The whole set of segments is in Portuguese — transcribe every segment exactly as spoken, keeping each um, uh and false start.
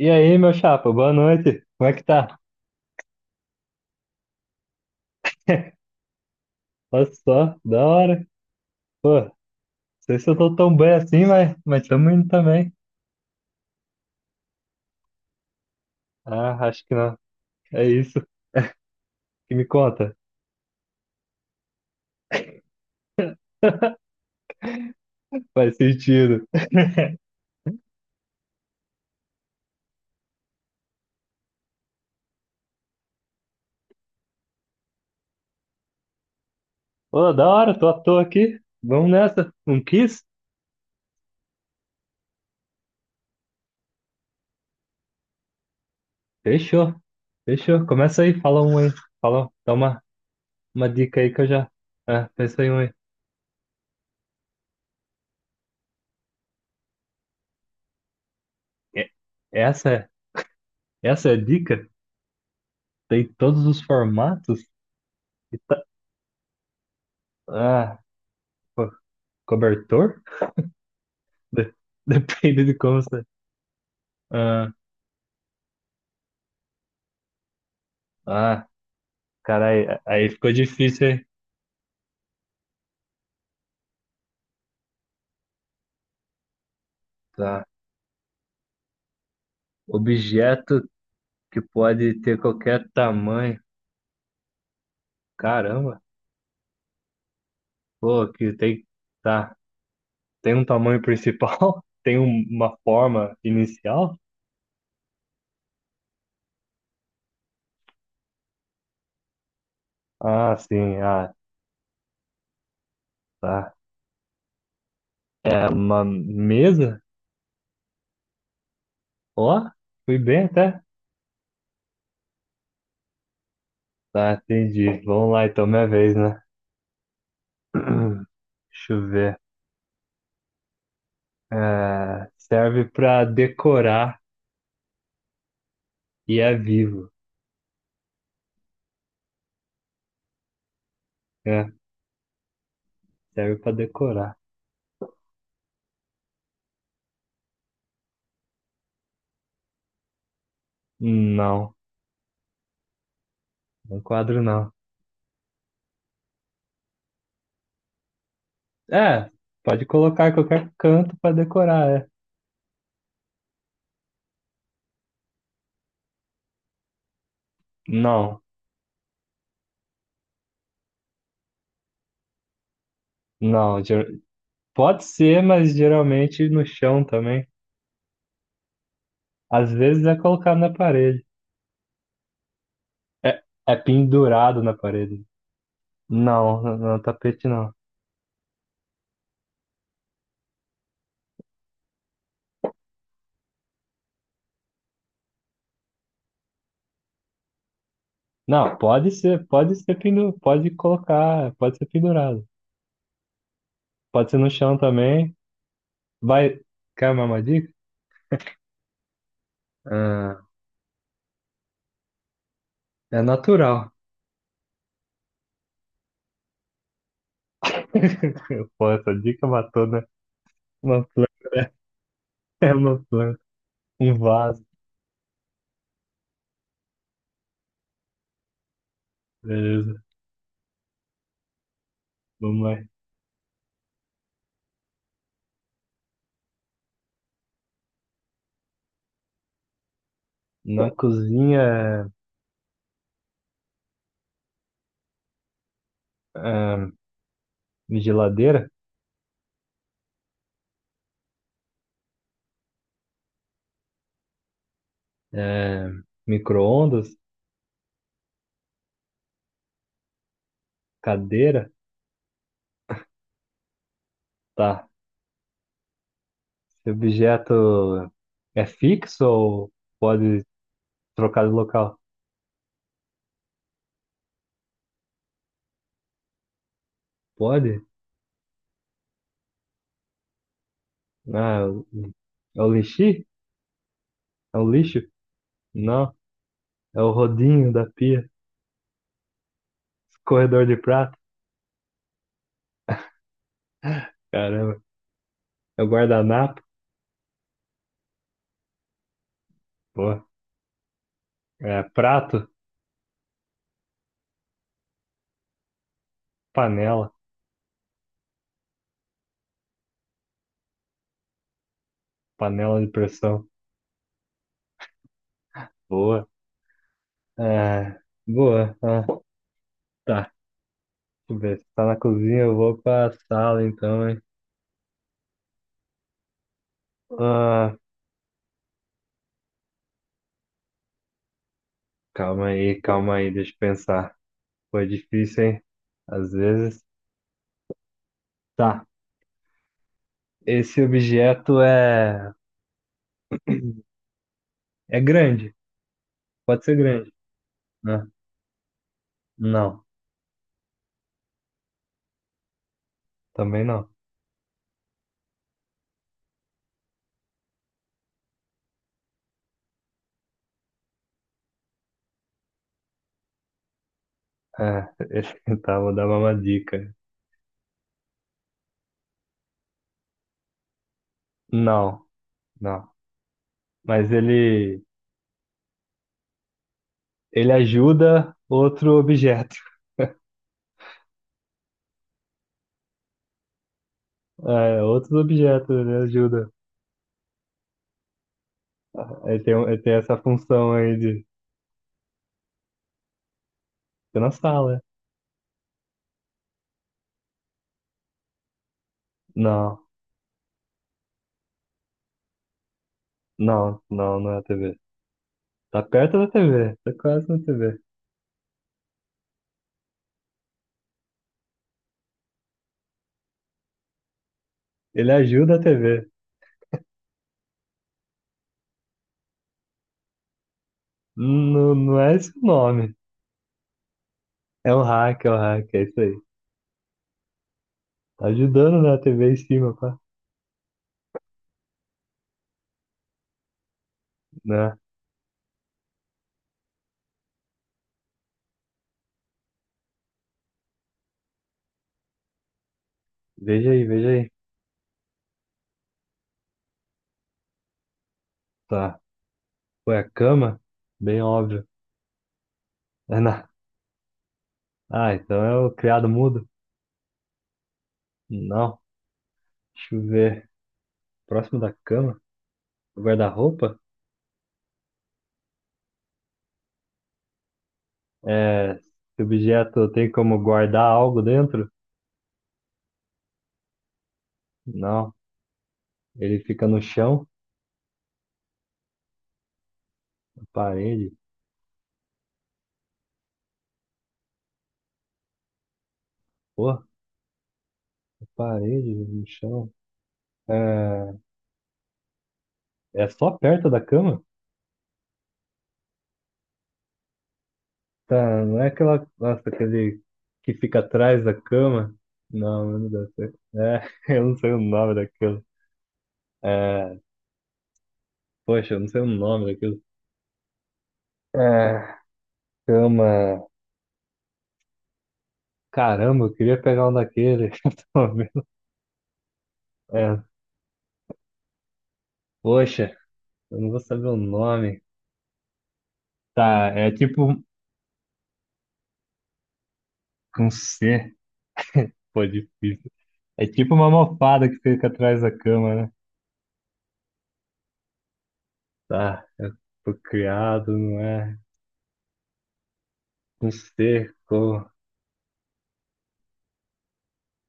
E aí, meu chapa, boa noite. Como é que tá? Olha só, da hora. Pô, não sei se eu tô tão bem assim, mas, mas tamo indo também. Ah, acho que não. É isso que me conta. Faz sentido. Pô, da hora, tô à toa aqui. Vamos nessa. Um kiss? Fechou. Fechou. Começa aí, fala um aí. Fala, dá uma, uma dica aí que eu já. Ah, pensa em um aí. É- Essa é, essa é a dica? Tem todos os formatos? E tá- Ah, pô, cobertor? De- Depende de como você. Ah, ah, cara aí aí ficou difícil, hein? Tá. Objeto que pode ter qualquer tamanho. Caramba, pô, que tem. Tá. Tem um tamanho principal? Tem um- uma forma inicial? Ah, sim, ah, tá. É uma mesa? Ó, fui bem até. Tá, entendi. Vamos lá, então, minha vez, né? Deixa eu ver. É, serve pra decorar e é vivo. Né? Serve pra decorar. Não, no quadro não. É, pode colocar em qualquer canto pra decorar, é. Não, não. ger- pode ser, mas geralmente no chão também. Às vezes é colocado na parede. É, é pendurado na parede. Não, no não, tapete não. Não, pode ser, pode ser pendurado, pode colocar, pode ser pendurado. Pode ser no chão também. Vai, quer uma dica? Ah, é natural. Pô, essa dica matou, né? Uma planta. É uma planta. Um vaso. Beleza. Vamos lá. Na cozinha, ah, geladeira, eh, micro-ondas, cadeira. Tá. Esse objeto é fixo ou pode trocar de local? Pode? Ah, é o é o lixi? É o lixo? Não. É o rodinho da pia. Corredor de prato. Caramba. É o guardanapo. Boa. É prato. Panela. Panela de pressão. Boa. É, boa. Ah, tá, deixa eu ver. Você tá na cozinha, eu vou pra sala então, hein? Ah, calma aí, calma aí, deixa eu pensar. Foi difícil, hein? Às vezes. Tá, esse objeto é, é grande, pode ser grande, né? Não, também não. É, tá, vou dar uma dica. Não, não. Mas ele, ele ajuda outro objeto. É, outros objetos ele ajuda. Ele tem, ele tem essa função aí. Fica na sala. Não, não, não, não é a T V. Tá perto da T V, tá quase na T V. Ele ajuda a T V. Não, não é esse o nome. É um hack, é um hack, é isso aí. Tá ajudando, né, a T V em cima, pá. Né? Veja aí, veja aí. Tá. Foi a cama? Bem óbvio. É na... Ah, então é o criado mudo? Não. Deixa eu ver. Próximo da cama? O guarda-roupa? É... Esse objeto tem como guardar algo dentro? Não. Ele fica no chão, na parede. Porra, parede, no chão. É, é só perto da cama? Tá, não é aquela. Nossa, aquele que fica atrás da cama? Não, não deve ser. É, eu não sei o nome daquilo. É, poxa, eu não sei o nome daquilo. É, cama. Caramba, eu queria pegar um daquele. Eu tô vendo. É, poxa, eu não vou saber o nome. Tá, é tipo um C. Pô, difícil. É tipo uma almofada que fica atrás da cama, né? Tá, eu fui criado, não é? Um cerco.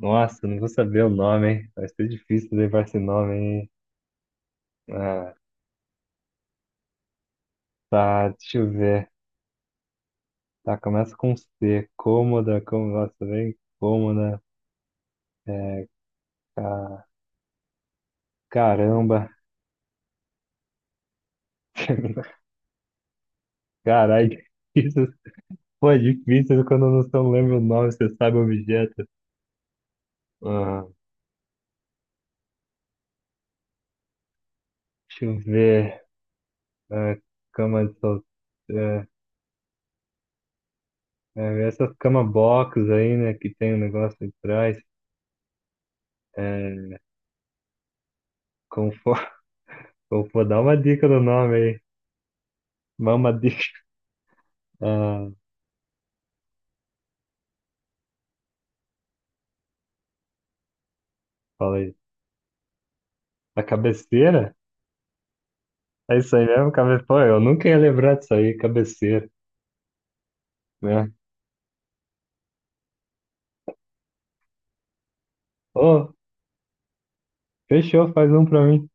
Nossa, não vou saber o nome, hein? Vai ser difícil levar esse nome, hein? Ah, tá, deixa eu ver. Tá, começa com C. Cômoda, como, nossa, bem cômoda. É, ca- caramba. Caralho, isso foi difícil quando eu não só lembro o nome, você sabe o objeto. Ah, deixa eu ver. Ah, cama de solteiro. É, é, essas cama box aí, né, que tem um negócio atrás. É, como for, como for, dá uma dica do nome aí. Mama dica. Ah, fala aí. A cabeceira? É isso aí mesmo? Cabe... Pô, eu nunca ia lembrar disso aí, cabeceira, né? Ô, fechou, faz um pra mim.